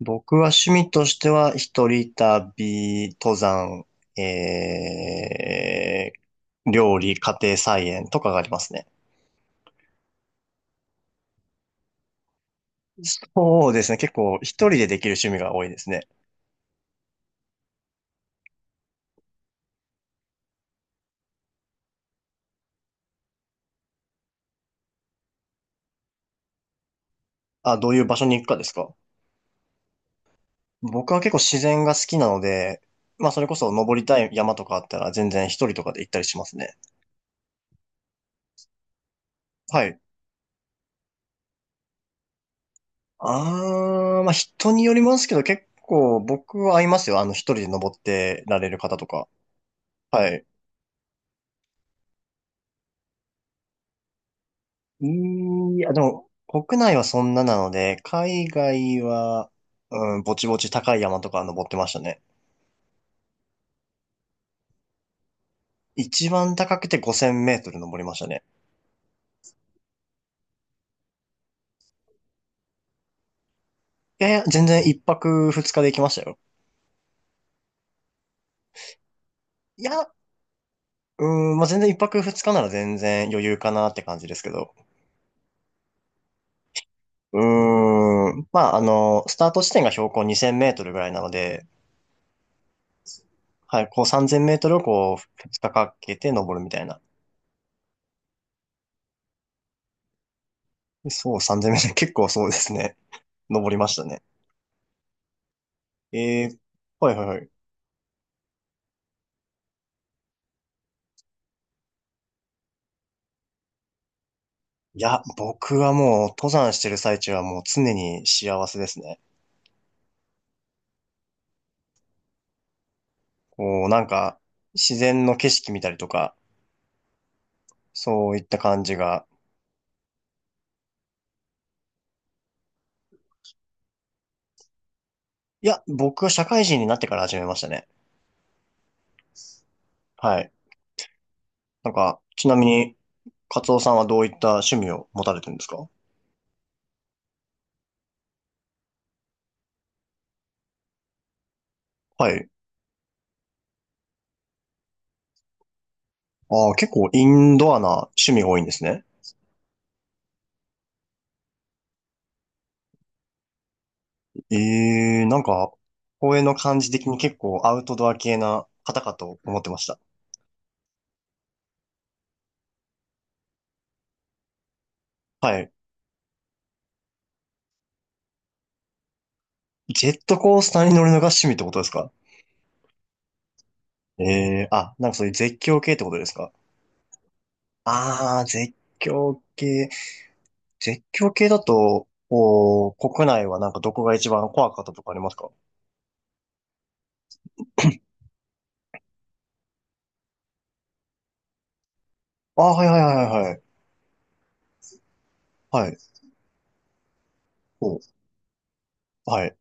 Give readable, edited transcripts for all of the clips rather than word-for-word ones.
僕は趣味としては、一人旅、登山、え料理、家庭菜園とかがありますね。そうですね。結構一人でできる趣味が多いですね。あ、どういう場所に行くかですか？僕は結構自然が好きなので、まあそれこそ登りたい山とかあったら全然一人とかで行ったりしますね。はい。あー、まあ人によりますけど結構僕は合いますよ。あの一人で登ってられる方とか。はい。いや、でも、国内はそんななので、海外は、うん、ぼちぼち高い山とか登ってましたね。一番高くて5000メートル登りましたね。いやいや、全然一泊二日で行きましたよ。いや、うん、まあ、全然一泊二日なら全然余裕かなって感じですけど。うーん、まあ、スタート地点が標高2000メートルぐらいなので、はい、こう3000メートルをこう、二日かかけて登るみたいな。そう、3000メートル、結構そうですね。登りましたね。えー、はいはいはい。いや、僕はもう登山してる最中はもう常に幸せですね。こう、なんか、自然の景色見たりとか、そういった感じが。いや、僕は社会人になってから始めましたね。はい。なんか、ちなみに、カツオさんはどういった趣味を持たれてるんですか？はい。ああ、結構インドアな趣味が多いんですね。ええ、なんか、公園の感じ的に結構アウトドア系な方かと思ってました。はい。ジェットコースターに乗るのが趣味ってことですか？ええあ、なんかそういう絶叫系ってことですか？ああー、絶叫系。絶叫系だと、こう、国内はなんかどこが一番怖かったとかありますか？あー、はいはいはいはい。はい。そう、はい。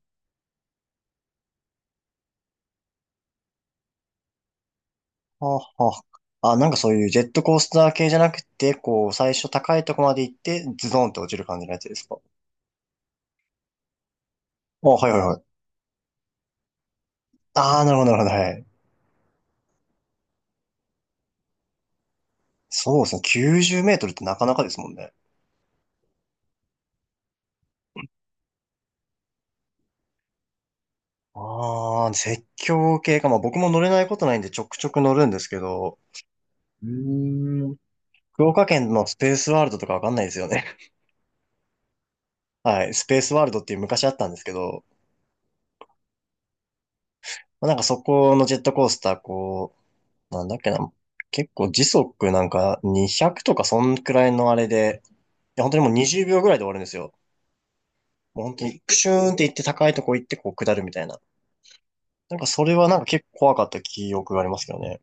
はあ、はあ。あ、なんかそういうジェットコースター系じゃなくて、こう、最初高いとこまで行って、ズドンって落ちる感じのやつですか？あ、はいはいはい。ああ、なるほどなるほど、はい。そうですね。90メートルってなかなかですもんね。ああ、絶叫系か。まあ僕も乗れないことないんでちょくちょく乗るんですけど、うーん。福岡県のスペースワールドとかわかんないですよね。はい。スペースワールドっていう昔あったんですけど、まあなんかそこのジェットコースター、こう、なんだっけな、結構時速なんか200とかそんくらいのあれで、いや本当にもう20秒ぐらいで終わるんですよ。もう本当にプシューンって行って高いとこ行ってこう下るみたいな。なんかそれはなんか結構怖かった記憶がありますけどね。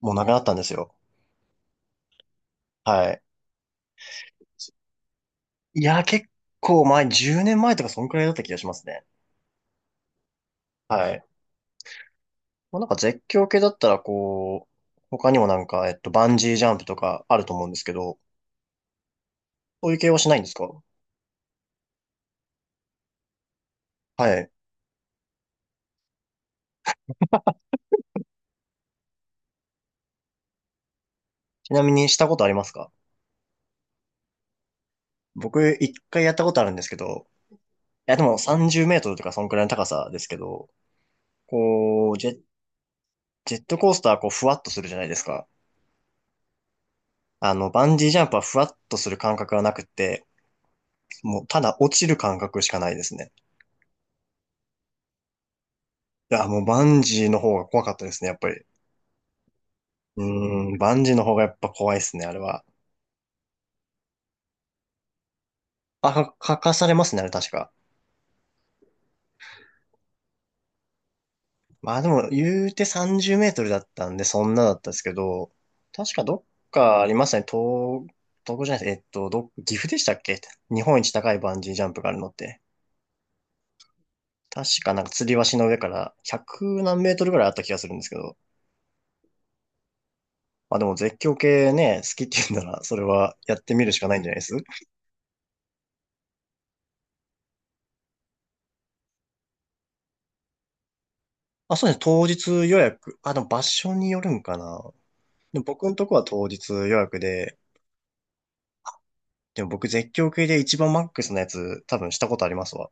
もうなくなったんですよ。はい。いや、結構前、10年前とかそんくらいだった気がしますね。はい。まあ、なんか絶叫系だったらこう、他にもなんか、バンジージャンプとかあると思うんですけど、そういう系はしないんですか？はい。ちなみにしたことありますか？僕、一回やったことあるんですけど、いや、でも30メートルとかそんくらいの高さですけど、こう、ジェットコースターはこう、ふわっとするじゃないですか。あの、バンジージャンプはふわっとする感覚はなくって、もうただ落ちる感覚しかないですね。いや、もうバンジーの方が怖かったですね、やっぱり。うーん、バンジーの方がやっぱ怖いですね、あれは。かかされますね、あれ確か。まあでも、言うて30メートルだったんで、そんなだったんですけど、確かどっかありますね、東北じゃないです、岐阜でしたっけ？日本一高いバンジージャンプがあるのって。確かなんか吊り橋の上から100何メートルぐらいあった気がするんですけど。まあでも絶叫系ね、好きって言うんなら、それはやってみるしかないんじゃないです？あ、そうですね、当日予約。あ、でも場所によるんかな。でも僕のとこは当日予約で、でも僕絶叫系で一番マックスのやつ多分したことありますわ。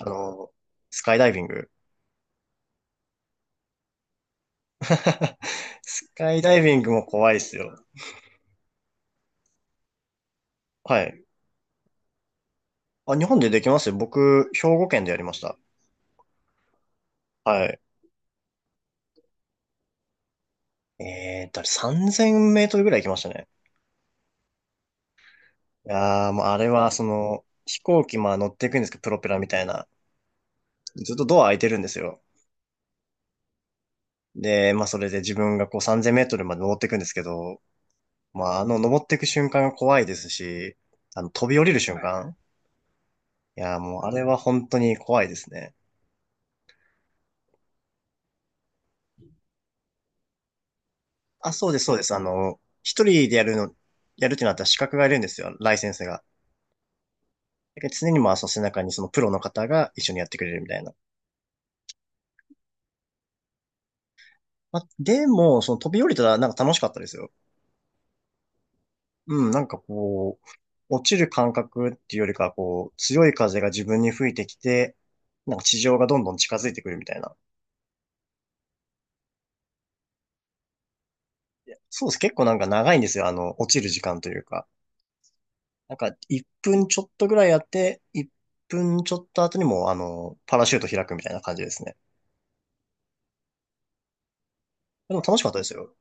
あの、スカイダイビング。スカイダイビングも怖いっすよ。はい。あ、日本でできますよ。僕、兵庫県でやりました。はい。えーと、3000メートルぐらい行きましたね。いやー、もうあれは、その、飛行機、まあ乗っていくんですけど、プロペラみたいな。ずっとドア開いてるんですよ。で、まあそれで自分がこう3000メートルまで登っていくんですけど、まああの登っていく瞬間が怖いですし、あの飛び降りる瞬間。いやー、もうあれは本当に怖いですね。あ、そうです、そうです。あの、一人でやるの、やるってなったら資格がいるんですよ、ライセンスが。だけど常にまあ、その背中にそのプロの方が一緒にやってくれるみたいな。まあ、でも、その飛び降りたらなんか楽しかったですよ。うん、なんかこう、落ちる感覚っていうよりかは、こう、強い風が自分に吹いてきて、なんか地上がどんどん近づいてくるみたいな。そうです。結構なんか長いんですよ、あの、落ちる時間というか。なんか、1分ちょっとぐらいやって、1分ちょっと後にもう、あの、パラシュート開くみたいな感じですね。でも楽しかったですよ。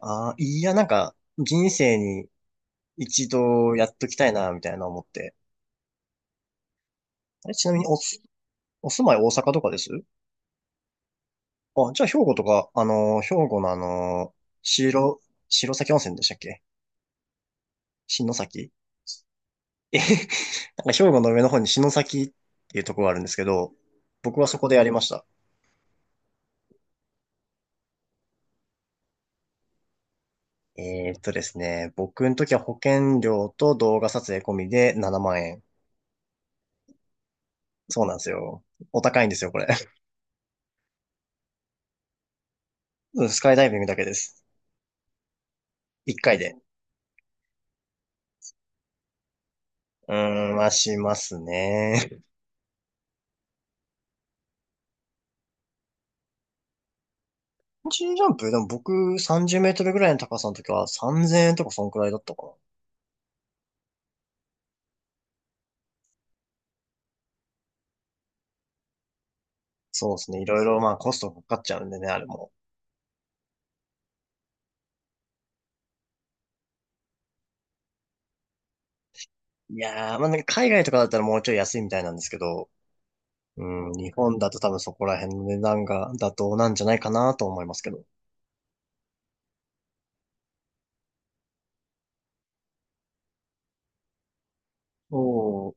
ああ、いや、なんか、人生に一度やっときたいな、みたいな思って。あれ、ちなみにおす、お住まい大阪とかです？あ、じゃあ兵庫とか、あの、兵庫のあの、白、白崎温泉でしたっけ？篠崎。え なんか兵庫の上の方に篠崎っていうところがあるんですけど、僕はそこでやりました。ですね、僕の時は保険料と動画撮影込みで7万円。そうなんですよ。お高いんですよ、これ。うん、スカイダイビングだけです。1回で。うーん、はしますね。チンジーャンプ、でも僕30メートルぐらいの高さの時は3000円とかそんくらいだったかな。そうですね。いろいろまあコストかかっちゃうんでね、あれも。いやー、まあなんか海外とかだったらもうちょい安いみたいなんですけど、うん、日本だと多分そこら辺の値段が妥当なんじゃないかなと思いますけど。お、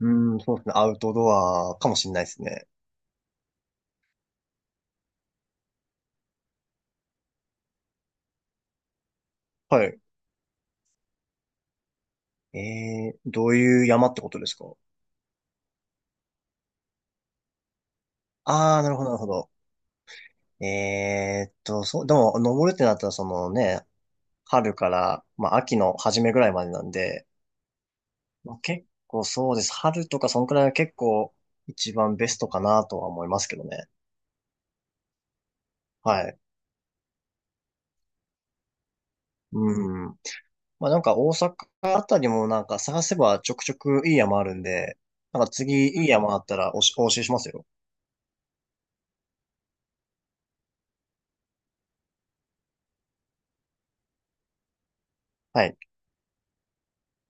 うん、そうですね。アウトドアかもしれないですね。はい。えー、どういう山ってことですか？あー、なるほど、なるほど。えーっと、そう、でも、登るってなったら、そのね、春から、まあ、秋の初めぐらいまでなんで、まあ、結構そうです。春とか、そんくらいが結構、一番ベストかなとは思いますけどね。はい。うん。まあ、なんか、大阪あたりもなんか、探せばちょくちょくいい山あるんで、なんか次、いい山あったらお教えしますよ。はい。